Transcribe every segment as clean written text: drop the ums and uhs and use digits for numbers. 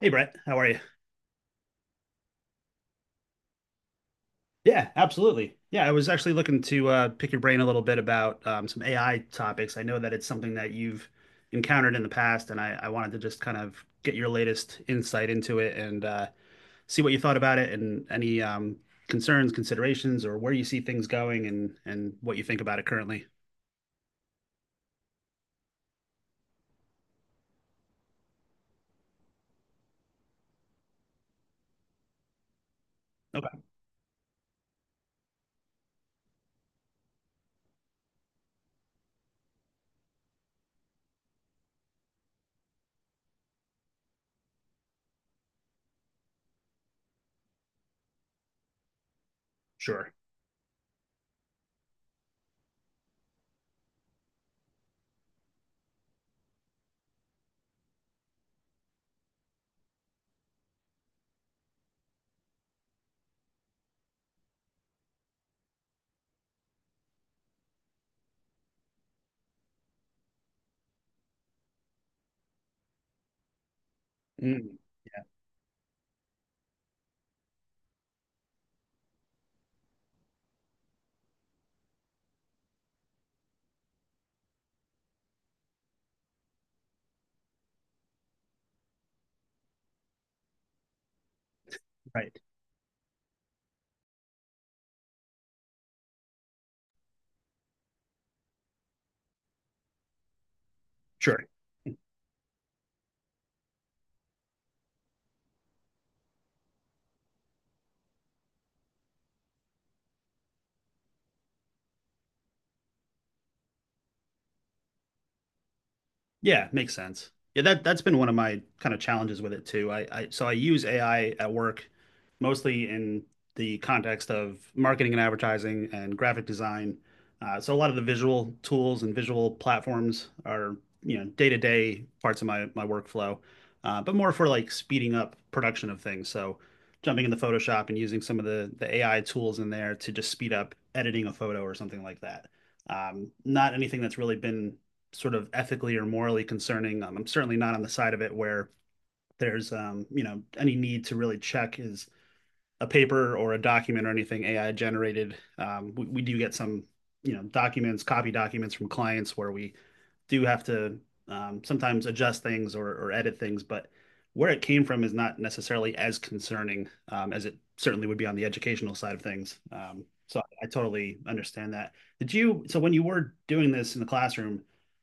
Hey Brett, how are you? Yeah, absolutely. Yeah, I was actually looking to pick your brain a little bit about some AI topics. I know that it's something that you've encountered in the past, and I wanted to just kind of get your latest insight into it and see what you thought about it and any concerns, considerations, or where you see things going and what you think about it currently. Okay, sure. Mm, right. Sure. Yeah, makes sense. Yeah, that's been one of my kind of challenges with it too. I so I use AI at work mostly in the context of marketing and advertising and graphic design. So a lot of the visual tools and visual platforms are, you know, day-to-day parts of my workflow, but more for like speeding up production of things. So jumping into Photoshop and using some of the AI tools in there to just speed up editing a photo or something like that. Not anything that's really been sort of ethically or morally concerning. I'm certainly not on the side of it where there's you know, any need to really check is a paper or a document or anything AI generated. We do get some, you know, documents, copy documents from clients where we do have to sometimes adjust things or edit things, but where it came from is not necessarily as concerning as it certainly would be on the educational side of things. So I totally understand that. So when you were doing this in the classroom,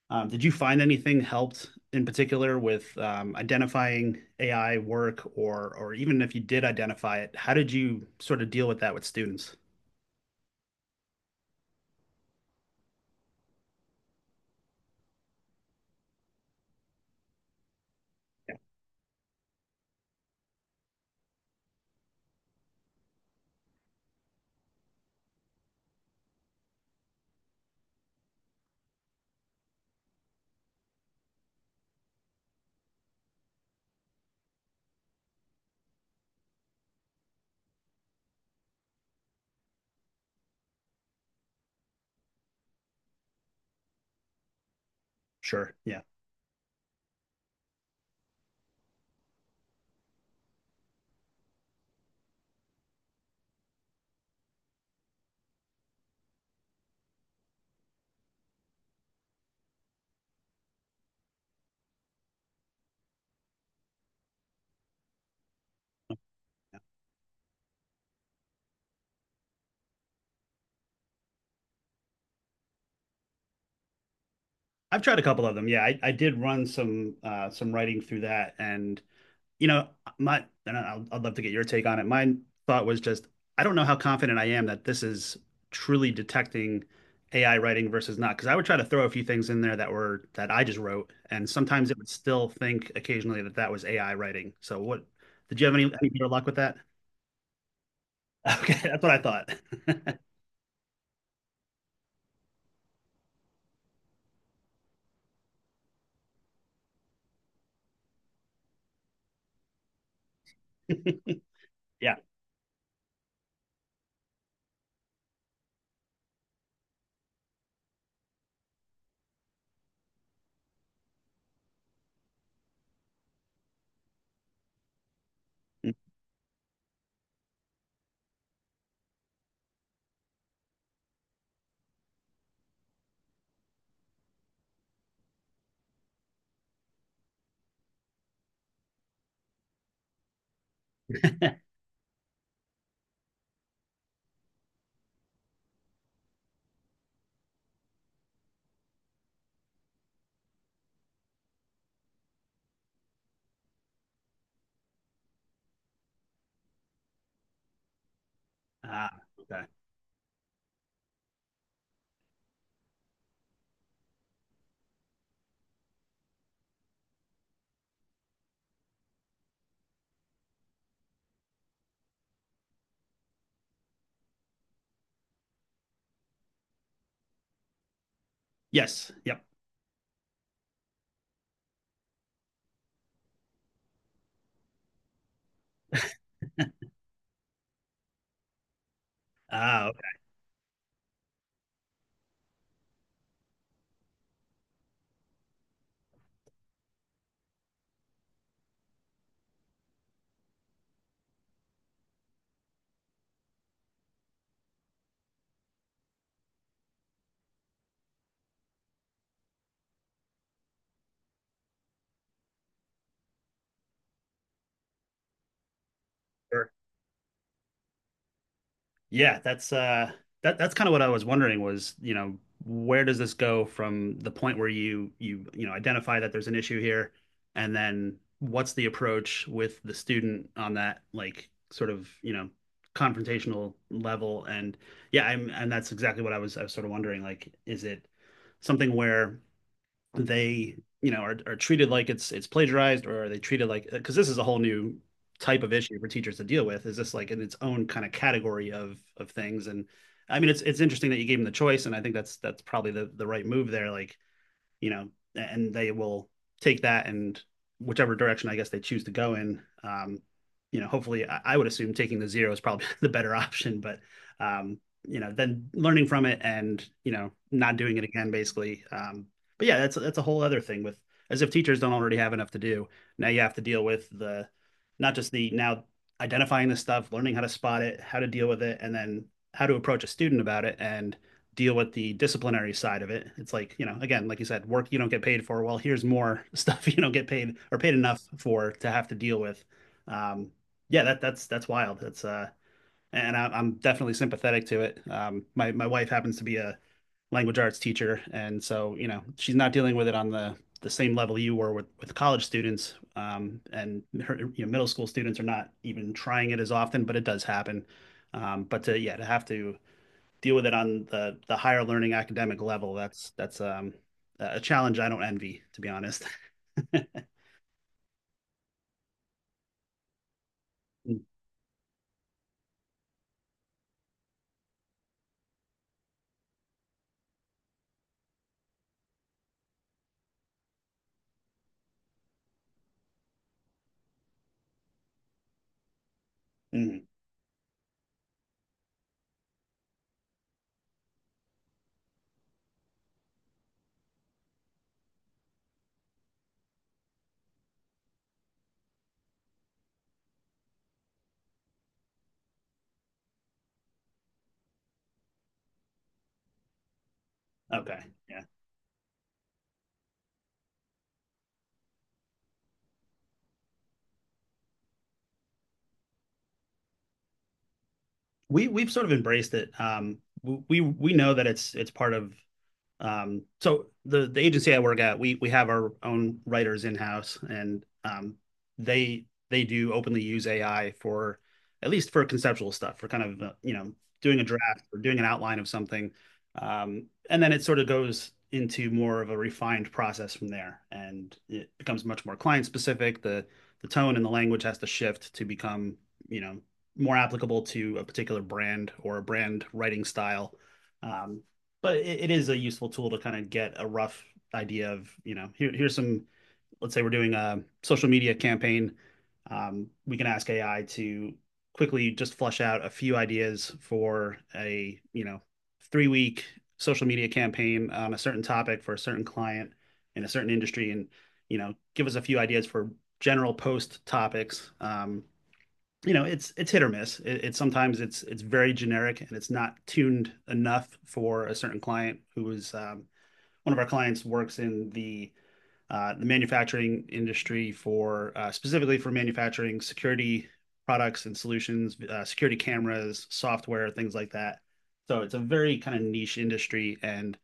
did you find anything helped in particular with identifying AI work, or even if you did identify it, how did you sort of deal with that with students? Sure. Yeah. I've tried a couple of them. Yeah, I did run some writing through that, and, you know, I'd love to get your take on it. My thought was just, I don't know how confident I am that this is truly detecting AI writing versus not, because I would try to throw a few things in there that I just wrote, and sometimes it would still think occasionally that that was AI writing. So what, did you have any better luck with that? Okay, that's what I thought. Yeah. Ah, okay. Yes. Yep. Ah, okay. Sure. Yeah, that's that's kind of what I was wondering was, you know, where does this go from the point where you know identify that there's an issue here, and then what's the approach with the student on that, like sort of, you know, confrontational level? And yeah, I'm and that's exactly what I was sort of wondering, like, is it something where they, you know, are treated like it's plagiarized, or are they treated like, because this is a whole new type of issue for teachers to deal with, is this like in its own kind of category of things? And I mean, it's interesting that you gave them the choice, and I think that's probably the right move there. Like, you know, and they will take that and whichever direction I guess they choose to go in. Hopefully I would assume taking the zero is probably the better option, but um, you know, then learning from it, and, you know, not doing it again, basically. But yeah, that's a whole other thing with, as if teachers don't already have enough to do. Now you have to deal with the, not just the, now identifying this stuff, learning how to spot it, how to deal with it, and then how to approach a student about it. And deal with the disciplinary side of it. It's like, you know, again, like you said, work you don't get paid for. Well, here's more stuff you don't get paid, or paid enough for, to have to deal with. Um, yeah, that that's wild. That's and I'm definitely sympathetic to it. My wife happens to be a language arts teacher, and so, you know, she's not dealing with it on the same level you were with college students. And her, you know, middle school students are not even trying it as often, but it does happen. But to, yeah, to have to deal with it on the higher learning academic level, that's a challenge I don't envy, to be honest. Mhm. Okay, yeah, we've sort of embraced it. We know that it's part of, so the agency I work at, we have our own writers in house, and they they do openly use AI for, at least for conceptual stuff, for kind of, you know, doing a draft or doing an outline of something, and then it sort of goes into more of a refined process from there, and it becomes much more client specific. The tone and the language has to shift to become, you know, more applicable to a particular brand or a brand writing style. Um, but it is a useful tool to kind of get a rough idea of, you know, here, here's some, let's say we're doing a social media campaign, we can ask AI to quickly just flush out a few ideas for a, you know, three-week social media campaign on a certain topic for a certain client in a certain industry, and, you know, give us a few ideas for general post topics. You know, it's hit or miss. It, it's sometimes it's very generic, and it's not tuned enough for a certain client who is, one of our clients works in the manufacturing industry for specifically for manufacturing security products and solutions, security cameras, software, things like that. So it's a very kind of niche industry, and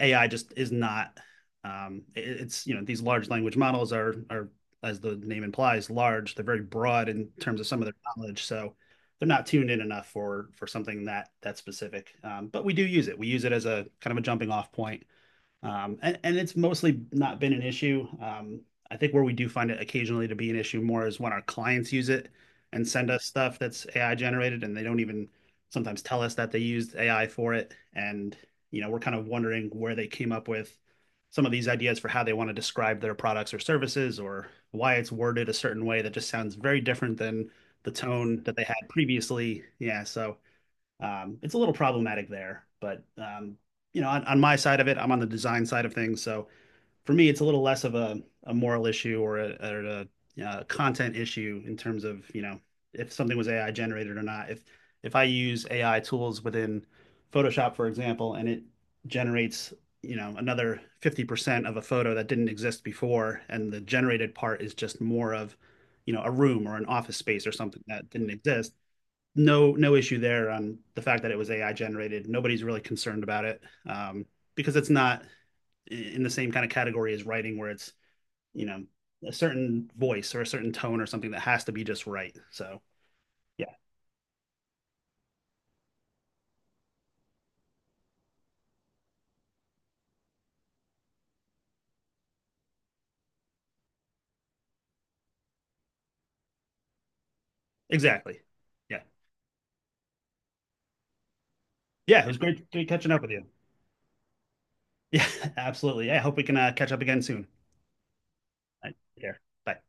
AI just is not. It's, you know, these large language models are, as the name implies, large. They're very broad in terms of some of their knowledge, so they're not tuned in enough for something that that specific. But we do use it. We use it as a kind of a jumping-off point, and it's mostly not been an issue. I think where we do find it occasionally to be an issue more is when our clients use it and send us stuff that's AI generated and they don't even sometimes tell us that they used AI for it. And, you know, we're kind of wondering where they came up with some of these ideas for how they want to describe their products or services, or why it's worded a certain way that just sounds very different than the tone that they had previously. Yeah, so it's a little problematic there. But you know, on my side of it, I'm on the design side of things, so for me, it's a little less of a moral issue or a, content issue in terms of, you know, if something was AI generated or not. If I use AI tools within Photoshop, for example, and it generates, you know, another 50% of a photo that didn't exist before, and the generated part is just more of, you know, a room or an office space or something that didn't exist, no, no issue there on the fact that it was AI generated. Nobody's really concerned about it, um, because it's not in the same kind of category as writing, where it's, you know, a certain voice or a certain tone or something that has to be just right. So yeah, exactly. Yeah, yeah. It was great, great catching up with you. Yeah, absolutely. Yeah, I hope we can catch up again soon. All right, take care. Bye.